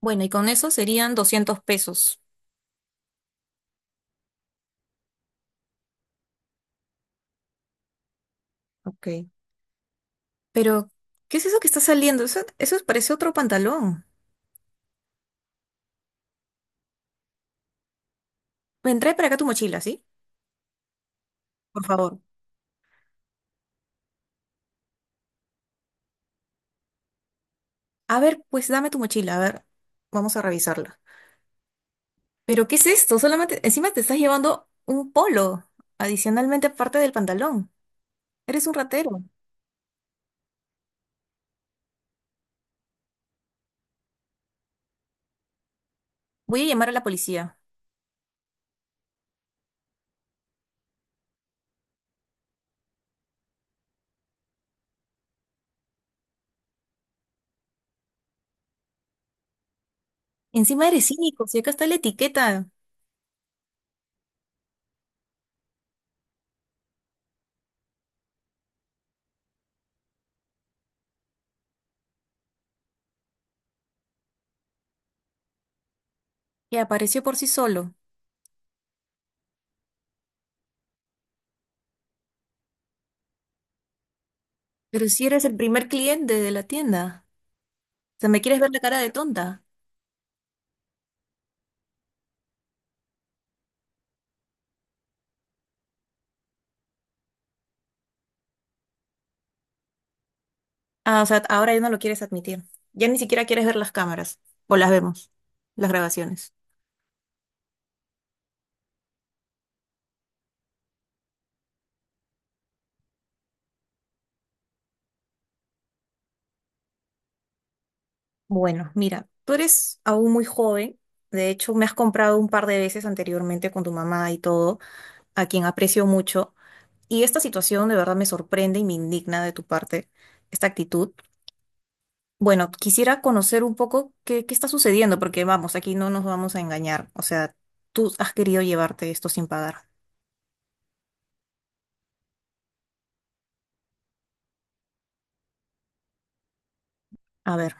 Bueno, y con eso serían 200 pesos. Ok. Pero, ¿qué es eso que está saliendo? Eso parece otro pantalón. Ven, trae para acá tu mochila, ¿sí? Por favor. A ver, pues dame tu mochila, a ver, vamos a revisarla. Pero, ¿qué es esto? Solamente, encima te estás llevando un polo, adicionalmente aparte del pantalón. Eres un ratero. Voy a llamar a la policía. Encima eres cínico, si acá está la etiqueta, que apareció por sí solo. Pero si eres el primer cliente de la tienda. O sea, ¿me quieres ver la cara de tonta? Ah, o sea, ahora ya no lo quieres admitir. Ya ni siquiera quieres ver las cámaras. O las vemos, las grabaciones. Bueno, mira, tú eres aún muy joven. De hecho, me has comprado un par de veces anteriormente con tu mamá y todo, a quien aprecio mucho. Y esta situación de verdad me sorprende y me indigna de tu parte, esta actitud. Bueno, quisiera conocer un poco qué está sucediendo, porque vamos, aquí no nos vamos a engañar. O sea, tú has querido llevarte esto sin pagar. A ver,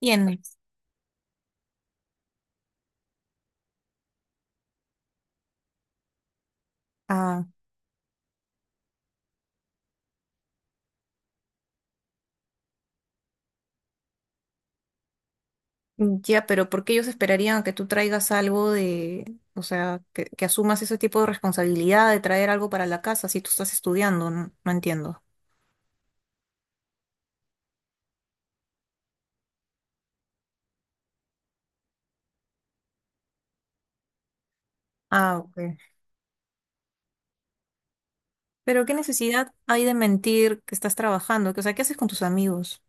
tienes. Ya, pero ¿por qué ellos esperarían que tú traigas algo de, o sea, que asumas ese tipo de responsabilidad de traer algo para la casa si tú estás estudiando? No, no entiendo. Ah, ok. Pero ¿qué necesidad hay de mentir que estás trabajando? Que, o sea, ¿qué haces con tus amigos?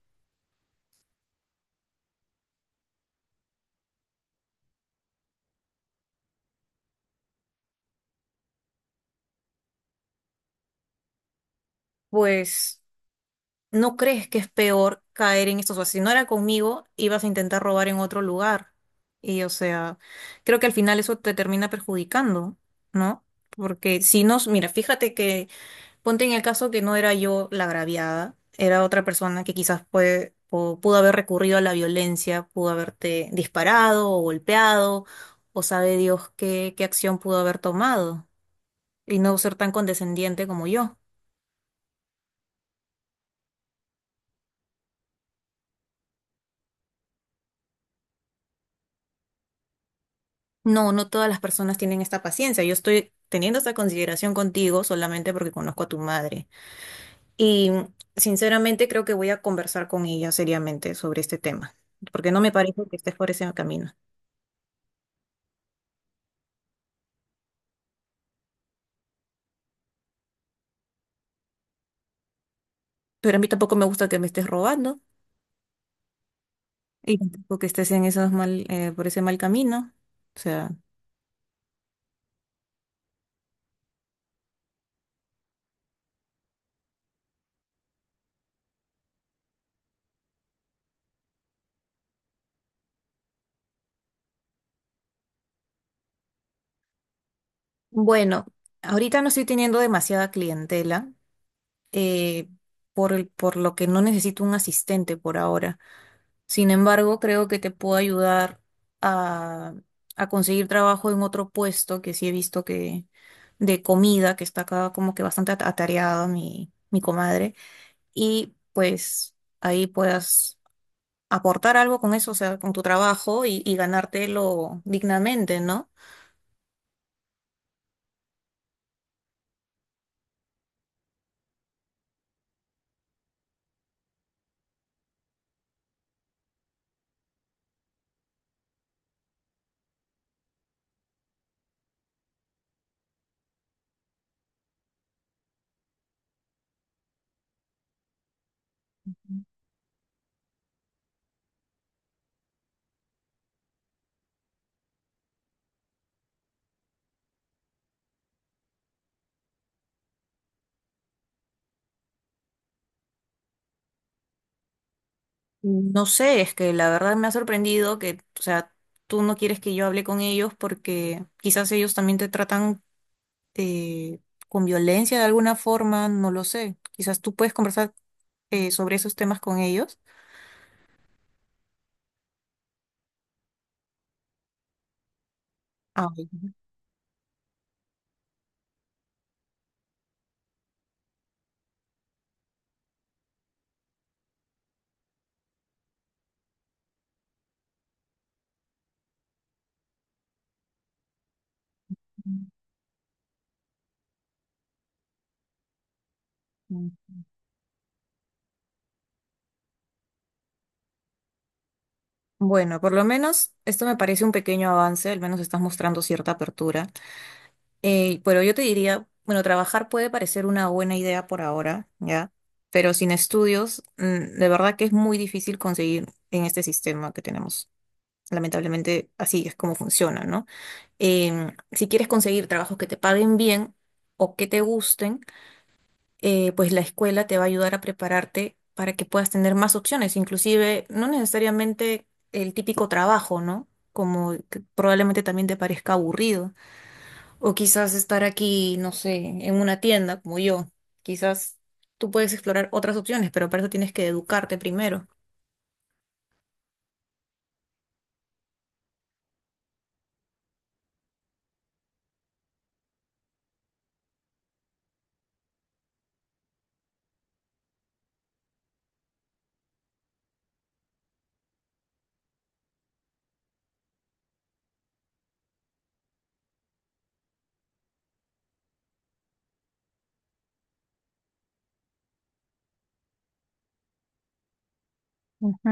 Pues, ¿no crees que es peor caer en estos? O sea, si no era conmigo, ibas a intentar robar en otro lugar. Y, o sea, creo que al final eso te termina perjudicando, ¿no? Porque si no, mira, fíjate que ponte en el caso que no era yo la agraviada, era otra persona que quizás puede, o pudo haber recurrido a la violencia, pudo haberte disparado o golpeado, o sabe Dios qué, qué acción pudo haber tomado, y no ser tan condescendiente como yo. No, no todas las personas tienen esta paciencia. Yo estoy teniendo esta consideración contigo solamente porque conozco a tu madre. Y sinceramente creo que voy a conversar con ella seriamente sobre este tema, porque no me parece que estés por ese camino. Pero a mí tampoco me gusta que me estés robando. Y tampoco que estés en esos mal, por ese mal camino. O sea, bueno, ahorita no estoy teniendo demasiada clientela, eh, por lo que no necesito un asistente por ahora. Sin embargo, creo que te puedo ayudar a, a conseguir trabajo en otro puesto que sí he visto que de comida, que está acá como que bastante atareado mi comadre. Y pues ahí puedas aportar algo con eso, o sea, con tu trabajo y ganártelo dignamente, ¿no? No sé, es que la verdad me ha sorprendido que, o sea, tú no quieres que yo hable con ellos porque quizás ellos también te tratan eh, con violencia de alguna forma, no lo sé. Quizás tú puedes conversar sobre esos temas con ellos. Ay. Bueno, por lo menos esto me parece un pequeño avance, al menos estás mostrando cierta apertura. Pero yo te diría, bueno, trabajar puede parecer una buena idea por ahora, ¿ya? Pero sin estudios, de verdad que es muy difícil conseguir en este sistema que tenemos. Lamentablemente, así es como funciona, ¿no? Si quieres conseguir trabajos que te paguen bien o que te gusten, pues la escuela te va a ayudar a prepararte para que puedas tener más opciones, inclusive no necesariamente el típico trabajo, ¿no? Como que probablemente también te parezca aburrido. O quizás estar aquí, no sé, en una tienda como yo. Quizás tú puedes explorar otras opciones, pero para eso tienes que educarte primero. Ujú.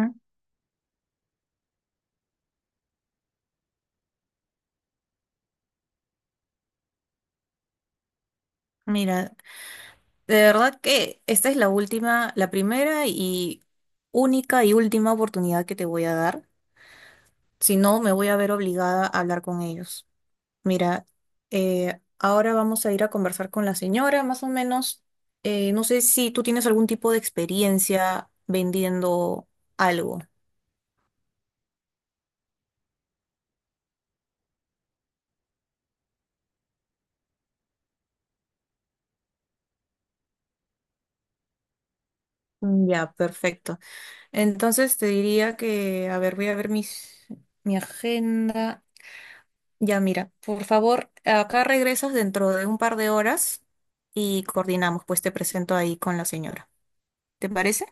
Mira, de verdad que esta es la última, la primera y única y última oportunidad que te voy a dar. Si no, me voy a ver obligada a hablar con ellos. Mira, ahora vamos a ir a conversar con la señora, más o menos. No sé si tú tienes algún tipo de experiencia vendiendo algo. Ya, perfecto. Entonces te diría que, a ver, voy a ver mi agenda. Ya, mira, por favor, acá regresas dentro de un par de horas y coordinamos, pues te presento ahí con la señora. ¿Te parece?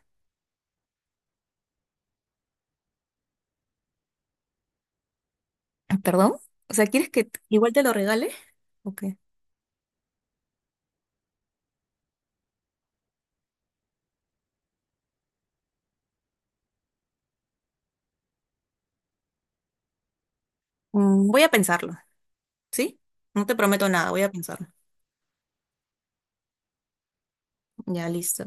Ah, ¿perdón? O sea, ¿quieres que igual te lo regale? Ok. Voy a pensarlo, ¿sí? No te prometo nada, voy a pensarlo. Ya, listo.